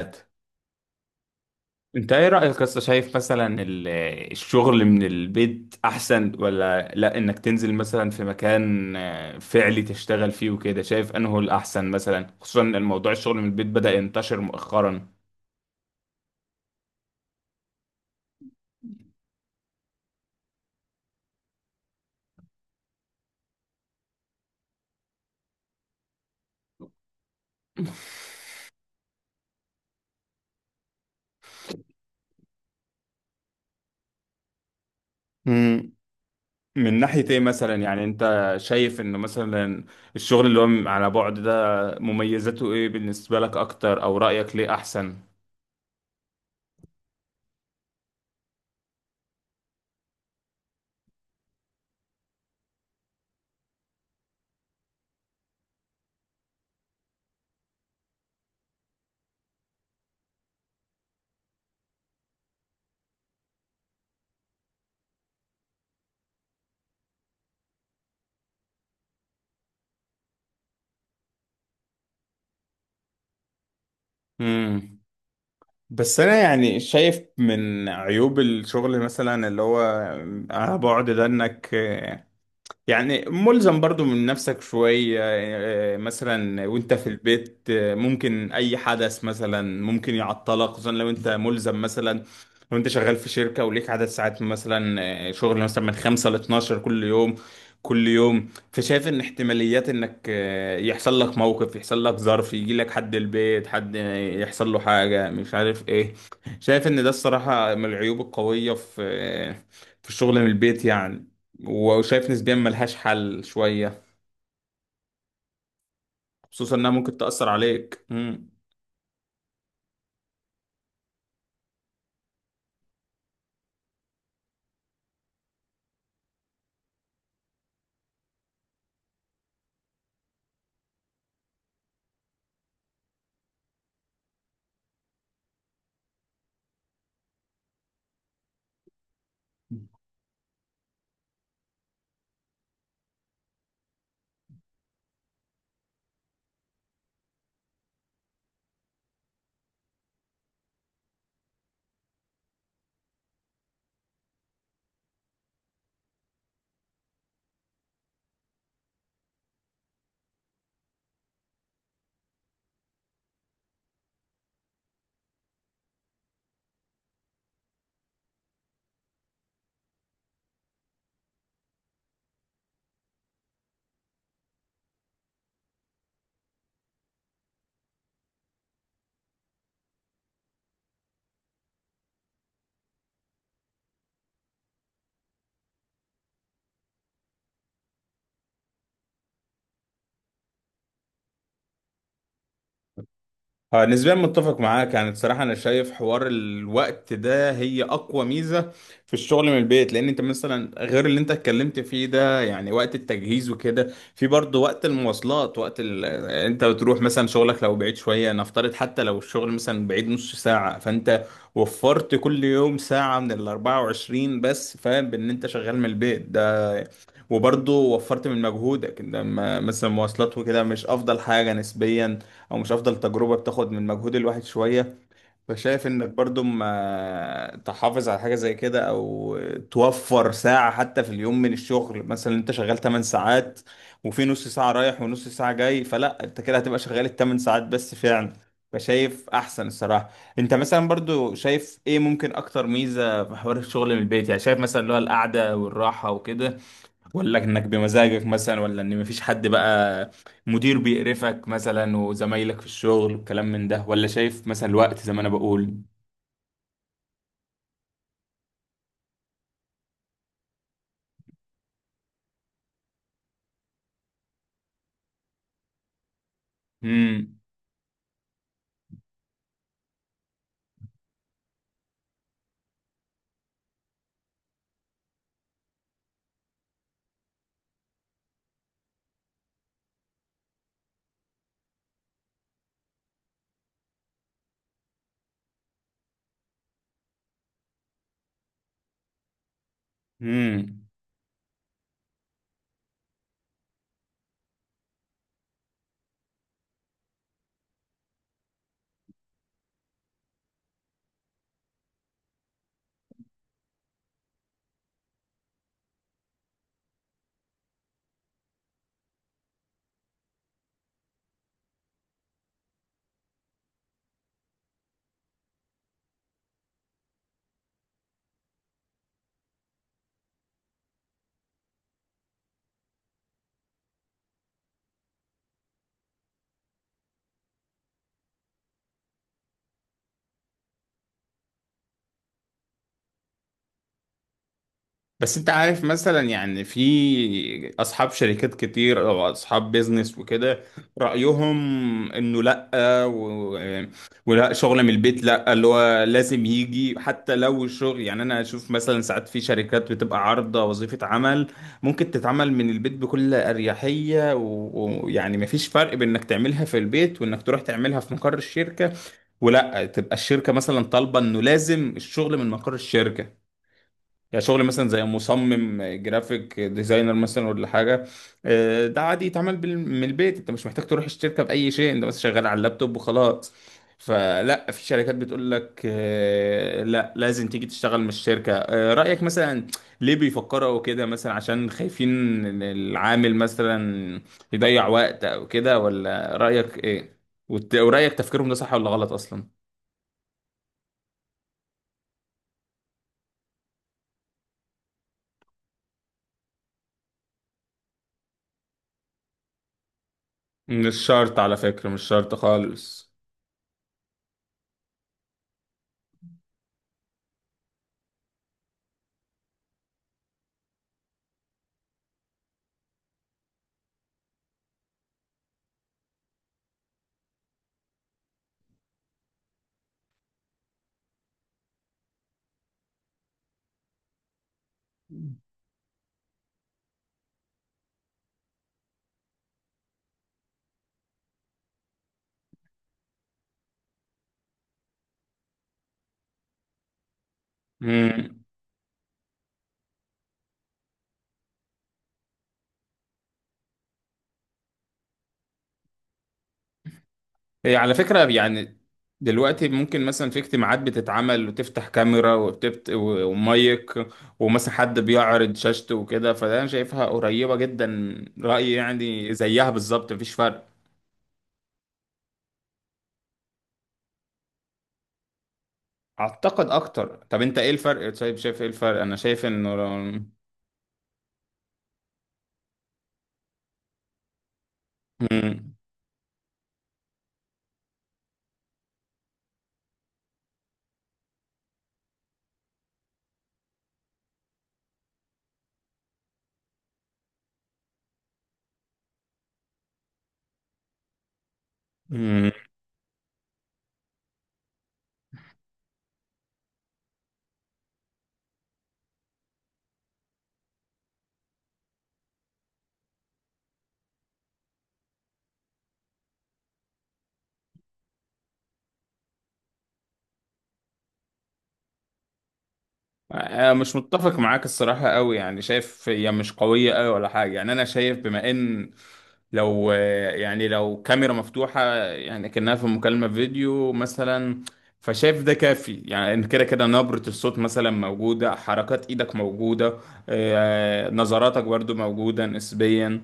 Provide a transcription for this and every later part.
انت ايه رأيك اصلا شايف مثلا الشغل من البيت احسن ولا لا انك تنزل مثلا في مكان فعلي تشتغل فيه وكده شايف انه الاحسن مثلا خصوصا ان الموضوع الشغل من البيت بدأ ينتشر مؤخرا. مم. من ناحية ايه مثلا يعني انت شايف انه مثلا الشغل اللي هو على بعد ده مميزاته ايه بالنسبة لك اكتر او رأيك ليه احسن؟ مم. بس انا يعني شايف من عيوب الشغل مثلا اللي هو على بعد ده انك يعني ملزم برضو من نفسك شوية، مثلا وانت في البيت ممكن اي حدث مثلا ممكن يعطلك، خصوصا لو انت ملزم مثلا، لو انت شغال في شركة وليك عدد ساعات مثلا، شغل مثلا من 5 ل 12 كل يوم. فشايف ان احتماليات انك يحصل لك موقف، يحصل لك ظرف، يجي لك حد البيت، حد يحصل له حاجة مش عارف ايه. شايف ان ده الصراحة من العيوب القوية في، في الشغل من البيت يعني، وشايف نسبيا ملهاش حل شوية، خصوصا انها ممكن تأثر عليك. نسبيا متفق معاك. يعني بصراحة أنا شايف حوار الوقت ده هي أقوى ميزة في الشغل من البيت، لأن أنت مثلا غير اللي أنت اتكلمت فيه ده يعني وقت التجهيز وكده، في برضه وقت المواصلات، وقت ال... آه، أنت بتروح مثلا شغلك لو بعيد شوية، نفترض حتى لو الشغل مثلا بعيد نص ساعة، فأنت وفرت كل يوم ساعة من ال 24، بس فاهم بإن أنت شغال من البيت وبرضه وفرت من مجهودك، إن لما مثلا مواصلات وكده مش افضل حاجة نسبيا، او مش افضل تجربة، بتاخد من مجهود الواحد شوية. فشايف انك برضه ما تحافظ على حاجة زي كده، او توفر ساعة حتى في اليوم من الشغل. مثلا انت شغال 8 ساعات وفي نص ساعة رايح ونص ساعة جاي، فلا انت كده هتبقى شغال الثمان ساعات بس فعلا. فشايف احسن الصراحة. انت مثلا برضو شايف ايه ممكن اكتر ميزة في حوار الشغل من البيت؟ يعني شايف مثلا اللي هو القعدة والراحة وكده، ولا انك بمزاجك مثلا، ولا ان مفيش حد بقى مدير بيقرفك مثلا وزمايلك في الشغل والكلام من ده، ولا شايف مثلا الوقت زي ما انا بقول؟ امم. امم. بس انت عارف مثلا، يعني في اصحاب شركات كتير او اصحاب بيزنس وكده، رأيهم انه لا و... ولا شغل من البيت، لا، اللي هو لازم يجي. حتى لو الشغل، يعني انا اشوف مثلا ساعات في شركات بتبقى عارضة وظيفة عمل ممكن تتعمل من البيت بكل اريحية ويعني مفيش فرق بين انك تعملها في البيت وانك تروح تعملها في مقر الشركة، ولا تبقى الشركة مثلا طالبة انه لازم الشغل من مقر الشركة. يعني شغل مثلا زي مصمم جرافيك ديزاينر مثلا ولا حاجه، ده عادي يتعمل من البيت. انت مش محتاج تروح الشركه باي شيء، انت بس شغال على اللابتوب وخلاص. فلا في شركات بتقول لك لا لازم تيجي تشتغل من الشركه. رايك مثلا ليه بيفكروا كده؟ مثلا عشان خايفين ان العامل مثلا يضيع وقت او كده، ولا رايك ايه؟ ورايك تفكيرهم ده صح ولا غلط اصلا؟ مش شرط على فكره، مش شرط خالص. هي على فكرة، يعني دلوقتي ممكن مثلا في اجتماعات بتتعمل وتفتح كاميرا وبتبت ومايك، ومثلا حد بيعرض شاشته وكده، فده انا شايفها قريبة جدا. رأيي يعني زيها بالظبط، مفيش فرق. اعتقد اكتر. طب انت ايه الفرق؟ طيب شايف ايه الفرق؟ انا شايف انه مم. مم. أنا مش متفق معاك الصراحة قوي، يعني شايف هي مش قوية قوي ولا حاجة. يعني انا شايف بما ان، لو يعني لو كاميرا مفتوحة، يعني كأنها في مكالمة فيديو مثلا، فشايف ده كافي. يعني إن كده كده نبرة الصوت مثلا موجودة، حركات ايدك موجودة، نظراتك برضو موجودة نسبيا.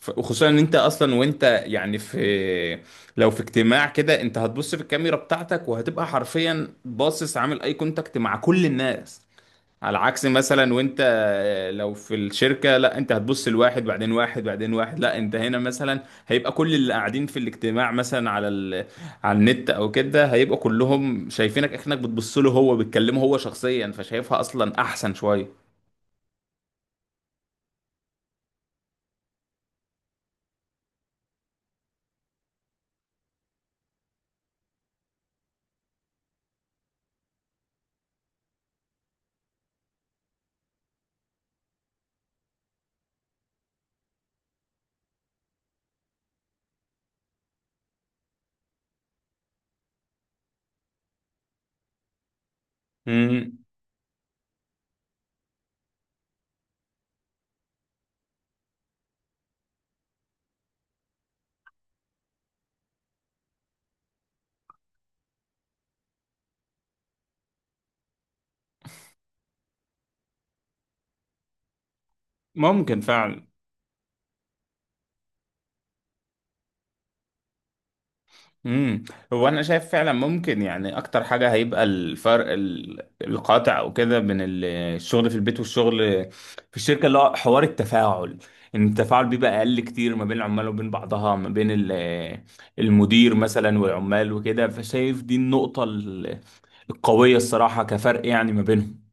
وخصوصا ان انت اصلا وانت يعني في، لو في اجتماع كده انت هتبص في الكاميرا بتاعتك وهتبقى حرفيا باصص عامل اي كونتاكت مع كل الناس، على عكس مثلا وانت لو في الشركة، لا انت هتبص لواحد بعدين واحد بعدين واحد، لا انت هنا مثلا هيبقى كل اللي قاعدين في الاجتماع مثلا على على النت او كده، هيبقى كلهم شايفينك اكنك بتبص له هو، بتكلمه هو شخصيا، فشايفها اصلا احسن شوية. مم. ممكن فعلا. امم. هو انا شايف فعلا ممكن، يعني اكتر حاجه هيبقى الفرق القاطع او كده بين الشغل في البيت والشغل في الشركه اللي هو حوار التفاعل، ان التفاعل بيبقى اقل كتير ما بين العمال وبين بعضها، ما بين المدير مثلا والعمال وكده. فشايف دي النقطه القويه الصراحه كفرق يعني ما بينهم.